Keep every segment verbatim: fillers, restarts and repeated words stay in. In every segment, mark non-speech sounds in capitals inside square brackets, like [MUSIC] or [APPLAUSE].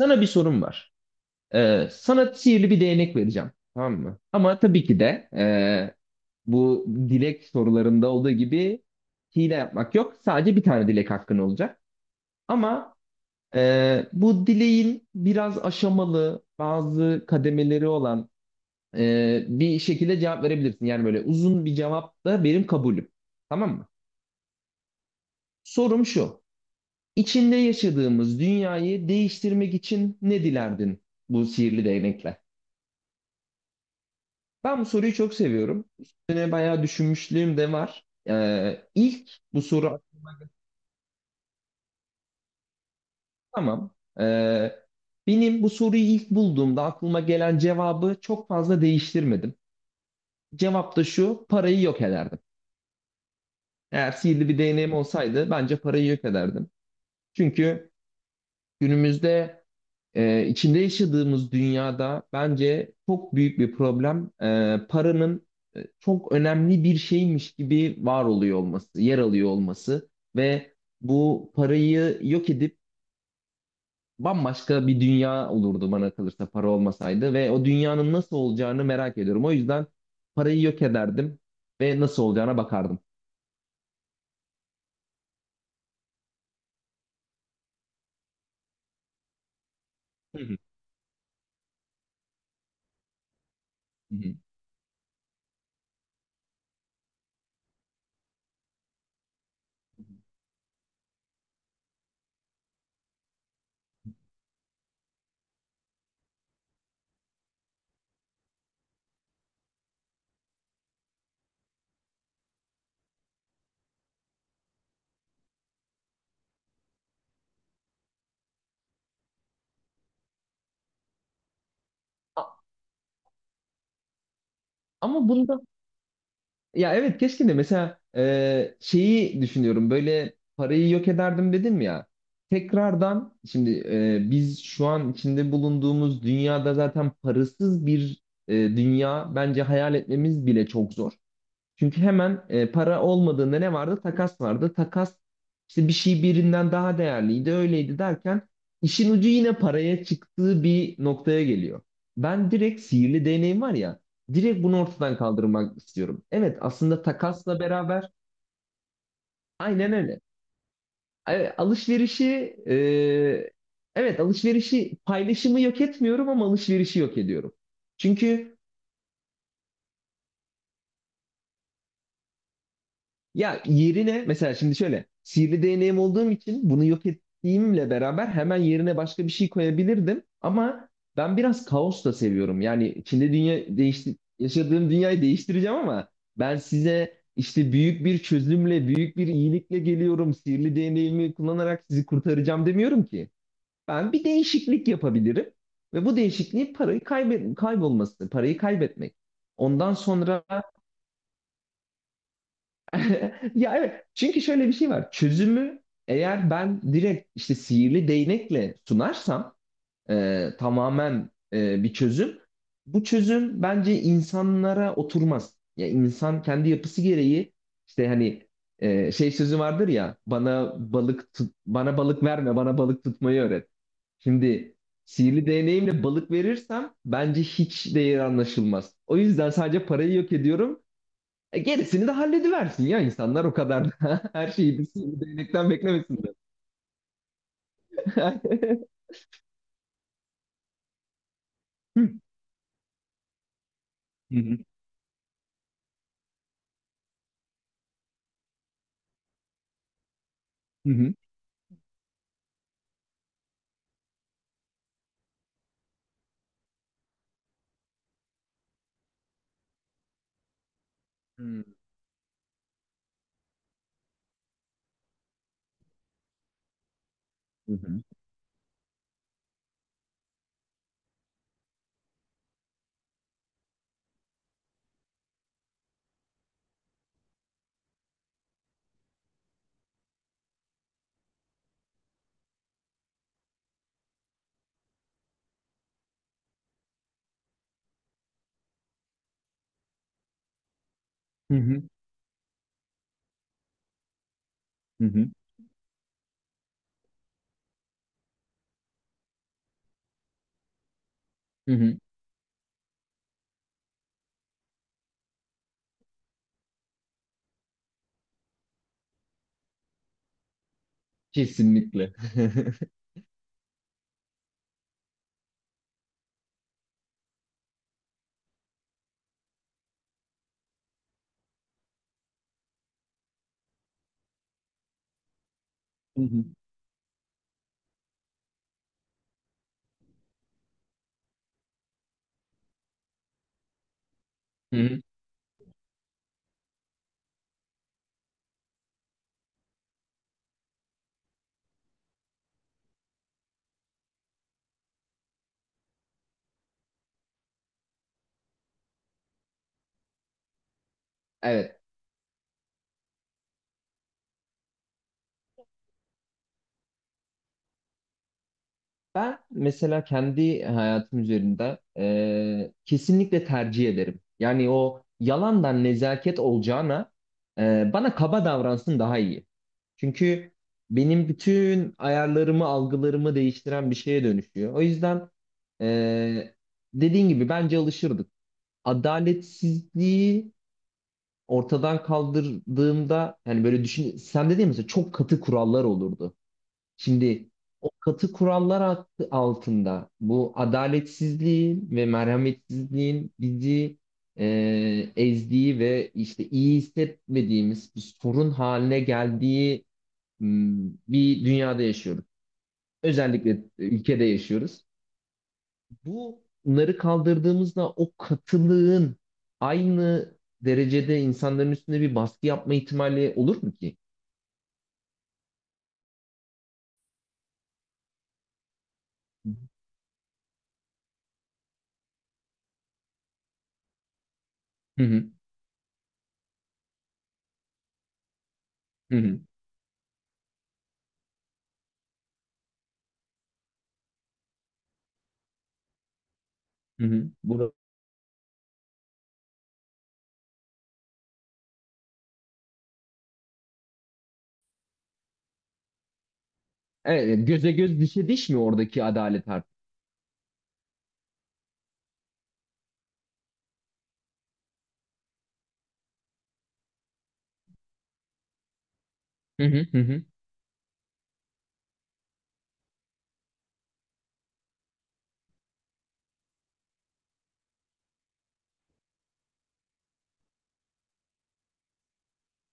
Sana bir sorum var. Ee, sana sihirli bir değnek vereceğim. Tamam mı? Ama tabii ki de ee, bu dilek sorularında olduğu gibi hile yapmak yok. Sadece bir tane dilek hakkın olacak. Ama ee, bu dileğin biraz aşamalı, bazı kademeleri olan ee, bir şekilde cevap verebilirsin. Yani böyle uzun bir cevap da benim kabulüm. Tamam mı? Sorum şu. İçinde yaşadığımız dünyayı değiştirmek için ne dilerdin bu sihirli değnekle? Ben bu soruyu çok seviyorum. Üstüne bayağı düşünmüşlüğüm de var. Ee, ilk bu soru tamam. Ee, Benim bu soruyu ilk bulduğumda aklıma gelen cevabı çok fazla değiştirmedim. Cevap da şu, parayı yok ederdim. Eğer sihirli bir değneğim olsaydı bence parayı yok ederdim. Çünkü günümüzde Ee, içinde yaşadığımız dünyada bence çok büyük bir problem e, paranın e, çok önemli bir şeymiş gibi var oluyor olması, yer alıyor olması ve bu parayı yok edip bambaşka bir dünya olurdu bana kalırsa para olmasaydı ve o dünyanın nasıl olacağını merak ediyorum. O yüzden parayı yok ederdim ve nasıl olacağına bakardım. Hı hı. Hı hı. A- Ama bunda ya evet keşke de mesela e, şeyi düşünüyorum böyle parayı yok ederdim dedim ya tekrardan şimdi e, biz şu an içinde bulunduğumuz dünyada zaten parasız bir e, dünya bence hayal etmemiz bile çok zor. Çünkü hemen e, para olmadığında ne vardı? Takas vardı. Takas işte bir şey birinden daha değerliydi, öyleydi derken işin ucu yine paraya çıktığı bir noktaya geliyor. Ben direkt sihirli değneğim var ya, direkt bunu ortadan kaldırmak istiyorum. Evet, aslında takasla beraber aynen öyle. E, Alışverişi e, evet alışverişi paylaşımı yok etmiyorum ama alışverişi yok ediyorum. Çünkü ya yerine mesela şimdi şöyle sihirli değneğim olduğum için bunu yok ettiğimle beraber hemen yerine başka bir şey koyabilirdim. Ama ben biraz kaos da seviyorum. Yani içinde dünya değişti, yaşadığım dünyayı değiştireceğim ama ben size işte büyük bir çözümle, büyük bir iyilikle geliyorum. Sihirli değneğimi kullanarak sizi kurtaracağım demiyorum ki. Ben bir değişiklik yapabilirim ve bu değişikliği parayı kaybet kaybolması, parayı kaybetmek. Ondan sonra [LAUGHS] ya evet çünkü şöyle bir şey var çözümü eğer ben direkt işte sihirli değnekle sunarsam e, tamamen e, bir çözüm bu çözüm bence insanlara oturmaz. Ya insan kendi yapısı gereği işte hani e, şey sözü vardır ya bana balık tut, bana balık verme bana balık tutmayı öğret. Şimdi sihirli değneğimle balık verirsem bence hiç değeri anlaşılmaz. O yüzden sadece parayı yok ediyorum e, gerisini de hallediversin ya insanlar o kadar da [LAUGHS] her şeyi bir sivri değnekten beklemesinler. [LAUGHS] Hı hı, hı hı, hmm, hı hı, hı hı, hı hı, hı hı. Kesinlikle. [LAUGHS] Hı hı, hı hı. Evet. Ben mesela kendi hayatım üzerinde e, kesinlikle tercih ederim. Yani o yalandan nezaket olacağına e, bana kaba davransın daha iyi. Çünkü benim bütün ayarlarımı, algılarımı değiştiren bir şeye dönüşüyor. O yüzden eee dediğin gibi bence alışırdık. Adaletsizliği ortadan kaldırdığımda yani böyle düşün sen dediğin mesela çok katı kurallar olurdu. Şimdi o katı kurallar altı- altında bu adaletsizliğin ve merhametsizliğin bizi eee, ezdiği ve işte iyi hissetmediğimiz bir sorun haline geldiği m, bir dünyada yaşıyoruz. Özellikle e, ülkede yaşıyoruz. Bunları kaldırdığımızda o katılığın aynı derecede insanların üstünde bir baskı yapma ihtimali olur mu ki? Hı hı, hı hı, hı hı. Bunu, evet, yani göze göz dişe diş mi oradaki adalet artık? Hı hı, hı hı.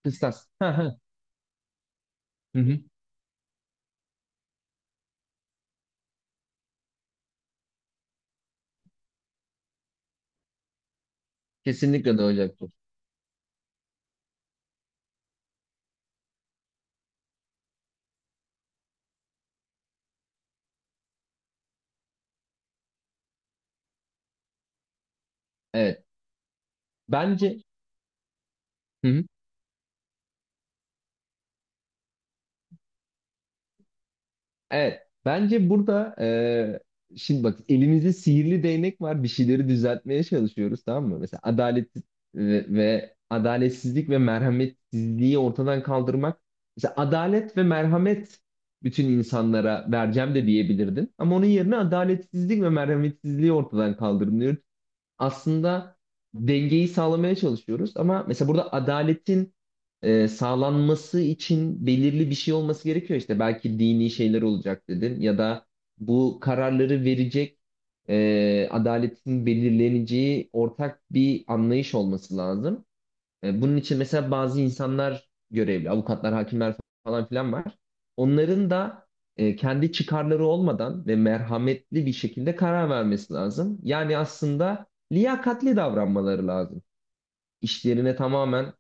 Kıstas. Hı hı, hı hı. Kesinlikle doğacaktır. Evet. Bence hı hı. Evet. Bence burada e, şimdi bak elimizde sihirli değnek var. Bir şeyleri düzeltmeye çalışıyoruz tamam mı? Mesela adalet ve, ve adaletsizlik ve merhametsizliği ortadan kaldırmak. Mesela adalet ve merhamet bütün insanlara vereceğim de diyebilirdin. Ama onun yerine adaletsizlik ve merhametsizliği ortadan kaldırılıyor aslında dengeyi sağlamaya çalışıyoruz ama mesela burada adaletin e, sağlanması için belirli bir şey olması gerekiyor işte belki dini şeyler olacak dedin ya da bu kararları verecek e, adaletin belirleneceği ortak bir anlayış olması lazım. E, bunun için mesela bazı insanlar görevli, avukatlar, hakimler falan filan var. Onların da e, kendi çıkarları olmadan ve merhametli bir şekilde karar vermesi lazım. Yani aslında liyakatli davranmaları lazım. İşlerine tamamen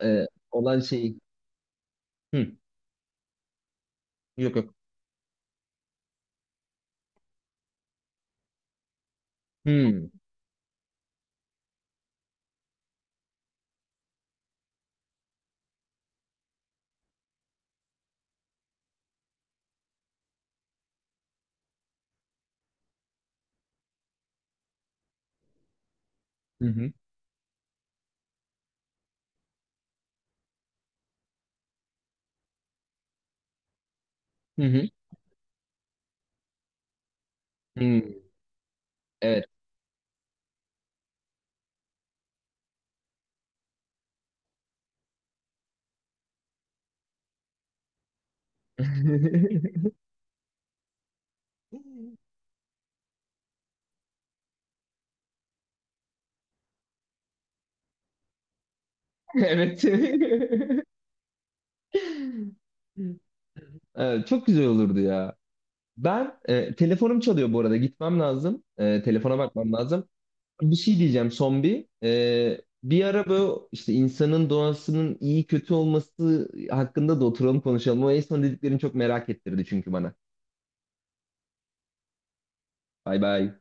e, olan şeyi... Hı, yok yok. Hı, hı, hı, hı, hı, hı. Evet. [LAUGHS] Evet. [LAUGHS] Evet, çok güzel olurdu ya. Ben e, telefonum çalıyor bu arada. Gitmem lazım. E, telefona bakmam lazım. Bir şey diyeceğim son bir. E, bir ara böyle işte insanın doğasının iyi kötü olması hakkında da oturalım konuşalım. O en son dediklerini çok merak ettirdi çünkü bana. Bay bay.